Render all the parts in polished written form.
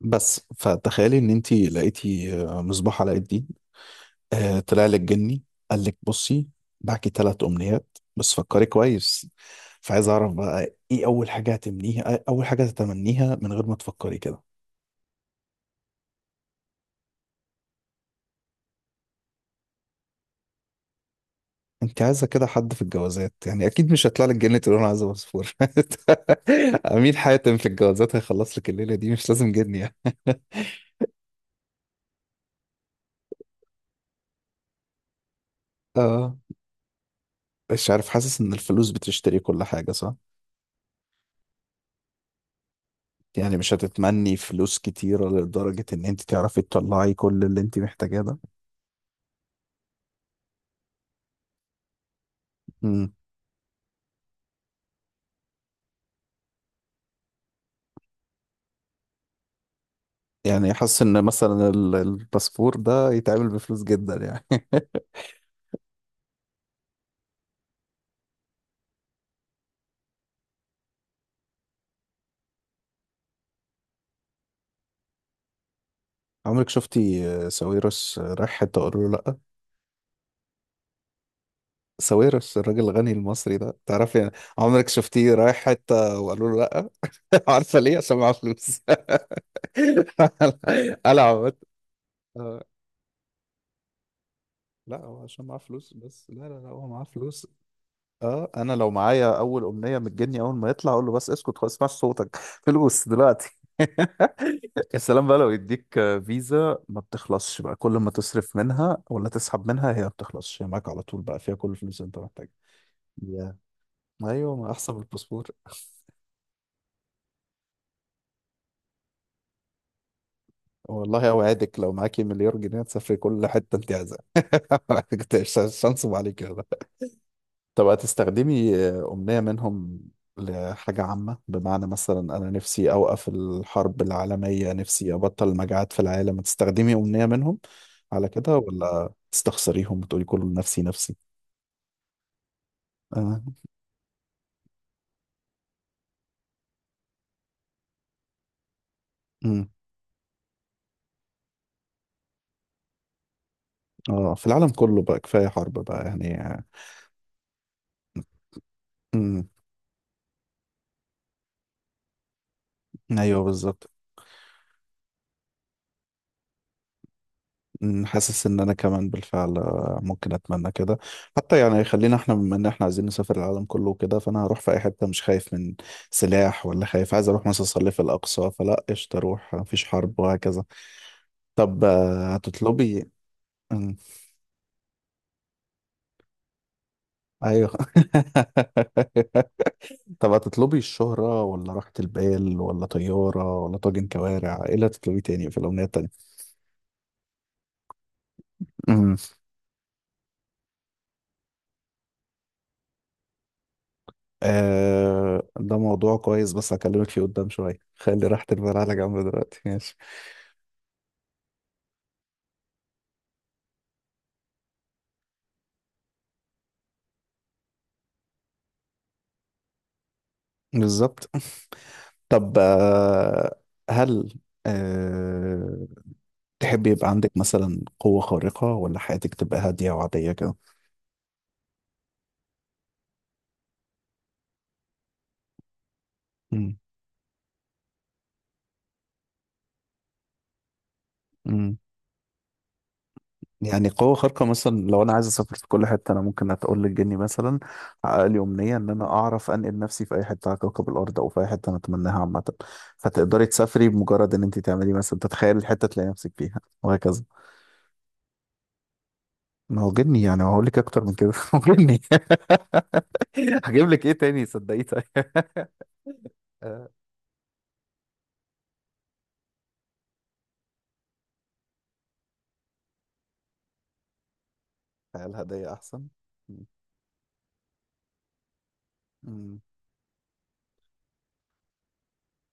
بس فتخيلي ان انت لقيتي مصباح علاء الدين. طلع لك جني قال لك بصي، معاكي ثلاث امنيات بس فكري كويس، فعايز اعرف بقى ايه اول حاجه تتمنيها من غير ما تفكري كده؟ انت عايزه كده حد في الجوازات يعني، اكيد مش هيطلع لك جني تقول انا عايزه باسبور. امين حاتم في الجوازات هيخلص لك الليله دي، مش لازم جني يعني. اه، مش عارف، حاسس ان الفلوس بتشتري كل حاجه. يعني مش هتتمني فلوس كتيرة لدرجة إن أنت تعرفي تطلعي كل اللي أنت محتاجاه ده؟ مم. يعني حاسس إن مثلا الباسبور ده يتعمل بفلوس جدا يعني. عمرك شفتي ساويرس رايح حتة وقالوا له لأ؟ ساويرس الراجل الغني المصري ده، تعرفي يعني. عمرك شفتيه رايح حتة وقالوا له لأ؟ عارفة ليه؟ عشان معاه فلوس. قلع عمت. آه، لا، هو عشان معاه فلوس بس، لا لا لا، هو معاه فلوس. اه انا لو معايا اول امنيه من الجني، اول ما يطلع اقول له بس، اسكت خلاص اسمعش صوتك، فلوس دلوقتي. يا سلام بقى لو يديك فيزا ما بتخلصش، بقى كل ما تصرف منها ولا تسحب منها هي ما بتخلصش، هي معاك على طول بقى فيها كل الفلوس اللي انت محتاجها. yeah. ايوه، ما احسن من الباسبور. والله اوعدك، لو معاكي مليار جنيه تسافري كل حته انت عايزاها. شانس عليك. طب هتستخدمي أمنية منهم لحاجة عامة؟ بمعنى مثلا أنا نفسي أوقف الحرب العالمية، نفسي أبطل المجاعات في العالم. هتستخدمي أمنية منهم على كده، ولا تستخسريهم وتقولي كله نفسي نفسي؟ آه. أمم. آه. في العالم كله بقى، كفاية حرب بقى يعني. امم. ايوه بالظبط. أمم، حاسس ان انا كمان بالفعل ممكن اتمنى كده حتى. يعني خلينا احنا، بما ان احنا عايزين نسافر العالم كله وكده، فانا هروح في اي حته مش خايف من سلاح، ولا خايف. عايز اروح مثلا اصلي في الاقصى، فلا قشطه اروح مفيش حرب وهكذا. طب هتطلبي. أمم، ايوه. طب هتطلبي الشهرة ولا راحة البال ولا طيارة ولا طاجن كوارع؟ ايه اللي هتطلبيه تاني في الأمنية التانية؟ آه، ده موضوع كويس، بس هكلمك فيه قدام شوية. خلي راحة البال على جنب دلوقتي، ماشي. بالظبط. طب آه، هل آه تحب يبقى عندك مثلا قوة خارقة ولا حياتك تبقى هادية وعادية كده؟ مم. مم. يعني قوة خارقة، مثلا لو أنا عايز أسافر في كل حتة، أنا ممكن أتقول للجني مثلا، حقق لي أمنية إن أنا أعرف أنقل نفسي في أي حتة على كوكب الأرض أو في أي حتة أنا أتمناها عامة. فتقدري تسافري بمجرد إن أنت تعملي، مثلا تتخيلي الحتة تلاقي نفسك فيها وهكذا. ما هو جني يعني، هقول لك اكتر من كده. هو جني. هجيب لك ايه تاني؟ صدقيه طيب. آه، الهدايا احسن. مم.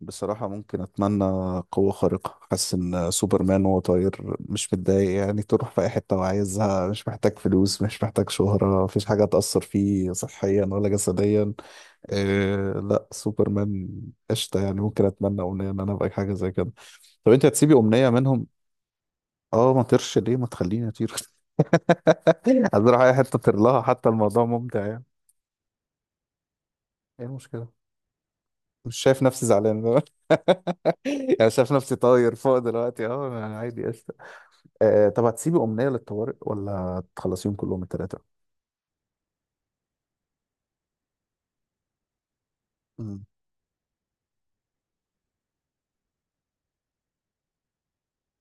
بصراحة ممكن أتمنى قوة خارقة. حاسس إن سوبرمان وهو طاير مش متضايق يعني، تروح في أي حتة وعايزها، مش محتاج فلوس، مش محتاج شهرة، مفيش حاجة تأثر فيه صحيا ولا جسديا. إيه لا، سوبرمان، قشطة يعني. ممكن أتمنى أمنية إن أنا أبقى حاجة زي كده. طب أنت هتسيبي أمنية منهم؟ أه، ما طيرش ليه؟ ما تخليني أطير. عايز اروح اي حته ترلها، حتى الموضوع ممتع يعني. ايه المشكله؟ مش شايف نفسي زعلان. يعني شايف نفسي طاير فوق دلوقتي، اه انا عادي، قشطه. طب هتسيبي امنيه للطوارئ ولا تخلصيهم كلهم الثلاثه؟ امم.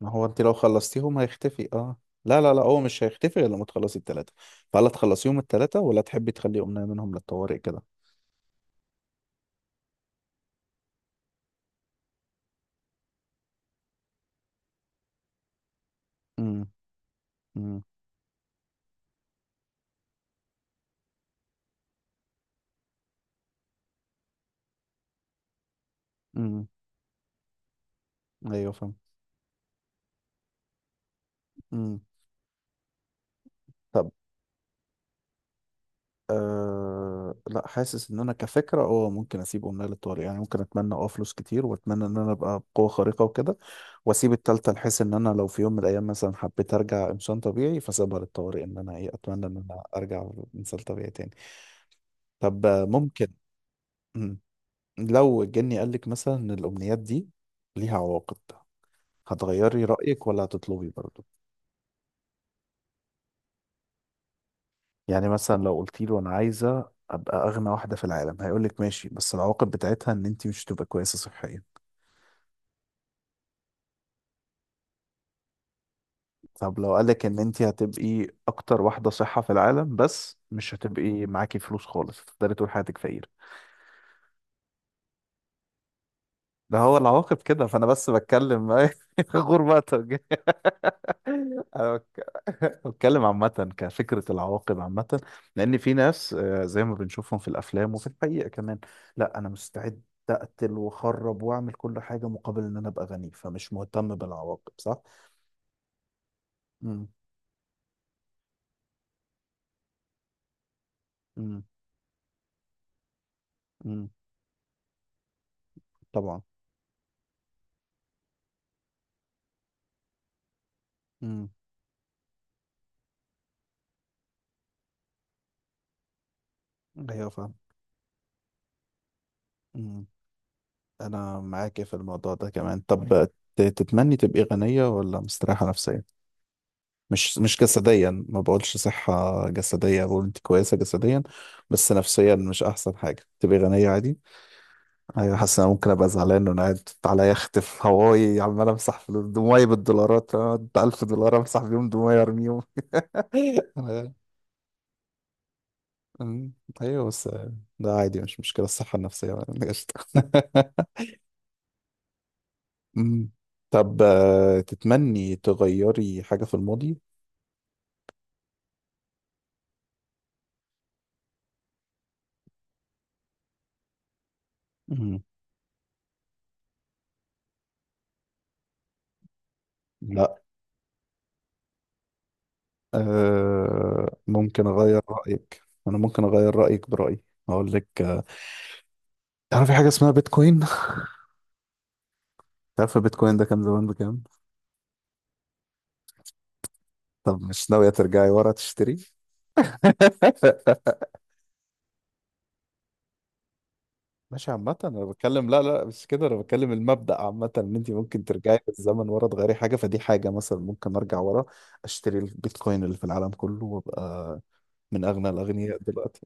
ما هو انت لو خلصتيهم هيختفي، اه. لا لا لا، هو مش هيختفي غير لما تخلصي الثلاثه. فهل تخلصيهم الثلاثه ولا تحبي تخلي امنيه منهم للطوارئ كده؟ امم امم امم. ايوه فاهم. امم. طب أه، لا، حاسس ان انا كفكره اه ممكن اسيب امنيه للطوارئ. يعني ممكن اتمنى فلوس كتير، واتمنى ان انا ابقى بقوه خارقه وكده، واسيب التالتة بحيث ان انا لو في يوم من الايام مثلا حبيت ارجع انسان طبيعي، فسيبها للطوارئ ان انا ايه، اتمنى ان انا ارجع انسان طبيعي تاني. طب ممكن. مم. لو الجني قال لك مثلا ان الامنيات دي ليها عواقب، هتغيري رايك ولا هتطلبي برضه؟ يعني مثلا، لو قلت له انا عايزه ابقى اغنى واحده في العالم، هيقول لك ماشي، بس العواقب بتاعتها ان انت مش هتبقى كويسه صحيا. طب لو قالك ان انت هتبقي اكتر واحدة صحة في العالم، بس مش هتبقي معاكي فلوس خالص، هتفضلي طول حياتك فقير. ده هو العواقب كده، فانا بس بتكلم. غربتك. انا بتكلم عامة، كفكرة، العواقب عامة. لان في ناس زي ما بنشوفهم في الافلام وفي الحقيقة كمان، لا انا مستعد اقتل واخرب واعمل كل حاجة مقابل ان انا ابقى غني، فمش مهتم بالعواقب صح؟ امم. امم. امم. طبعا. امم. ايوه فاهم. إمم. انا معاك في الموضوع ده كمان. طب تتمني تبقي غنية ولا مستريحة نفسيا؟ مش جسديا، ما بقولش صحة جسدية، بقول انت كويسة جسديا بس نفسيا مش احسن حاجة، تبقي غنية عادي. ايوه حاسس إن انا ممكن ابقى زعلان وانا قاعد على يخت في هواي، عمال امسح فلوس دموعي بالدولارات. أقعد 1000 دولار امسح بيهم دموعي، ارميهم. أنا- أمم، ايوه بس ده عادي، مش مشكلة الصحة النفسية. قشطة. مم. طب تتمني تغيري حاجة في الماضي؟ مم. لا. ممكن أغير رأيك. أنا ممكن أغير رأيك برأيي. هقول لك تعرف في حاجة اسمها بيتكوين؟ تعرف بيتكوين ده كان زمان بكام؟ طب مش ناوية ترجعي ورا تشتري؟ ماشي عامة أنا بتكلم، لا لا مش كده، أنا بتكلم المبدأ عامة إن أنت ممكن ترجعي بالزمن ورا تغيري حاجة، فدي حاجة مثلا ممكن أرجع ورا أشتري البيتكوين اللي في العالم كله وأبقى من أغنى الأغنياء دلوقتي،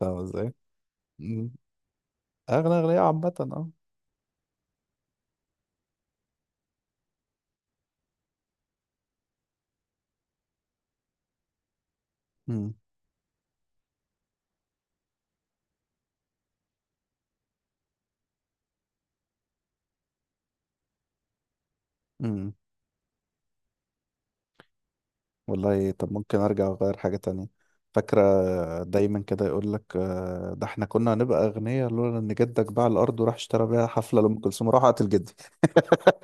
فاهم إزاي؟ مم. أغنى أغنية عامة اه. مم. مم. والله طب ممكن أرجع أغير حاجة تانية. فاكرة دايما كده يقول لك ده احنا كنا هنبقى أغنياء لولا إن جدك باع الأرض وراح اشترى بيها حفلة لأم كلثوم، راح قتل جدي.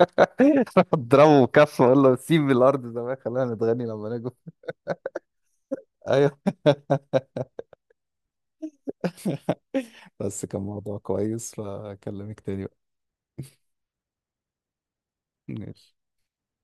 راح اضربه بكف وأقول له سيب الأرض زمان خلينا نتغني لما نجوا. أيوه. بس كان موضوع كويس، فأكلمك تاني بقى. ماشي.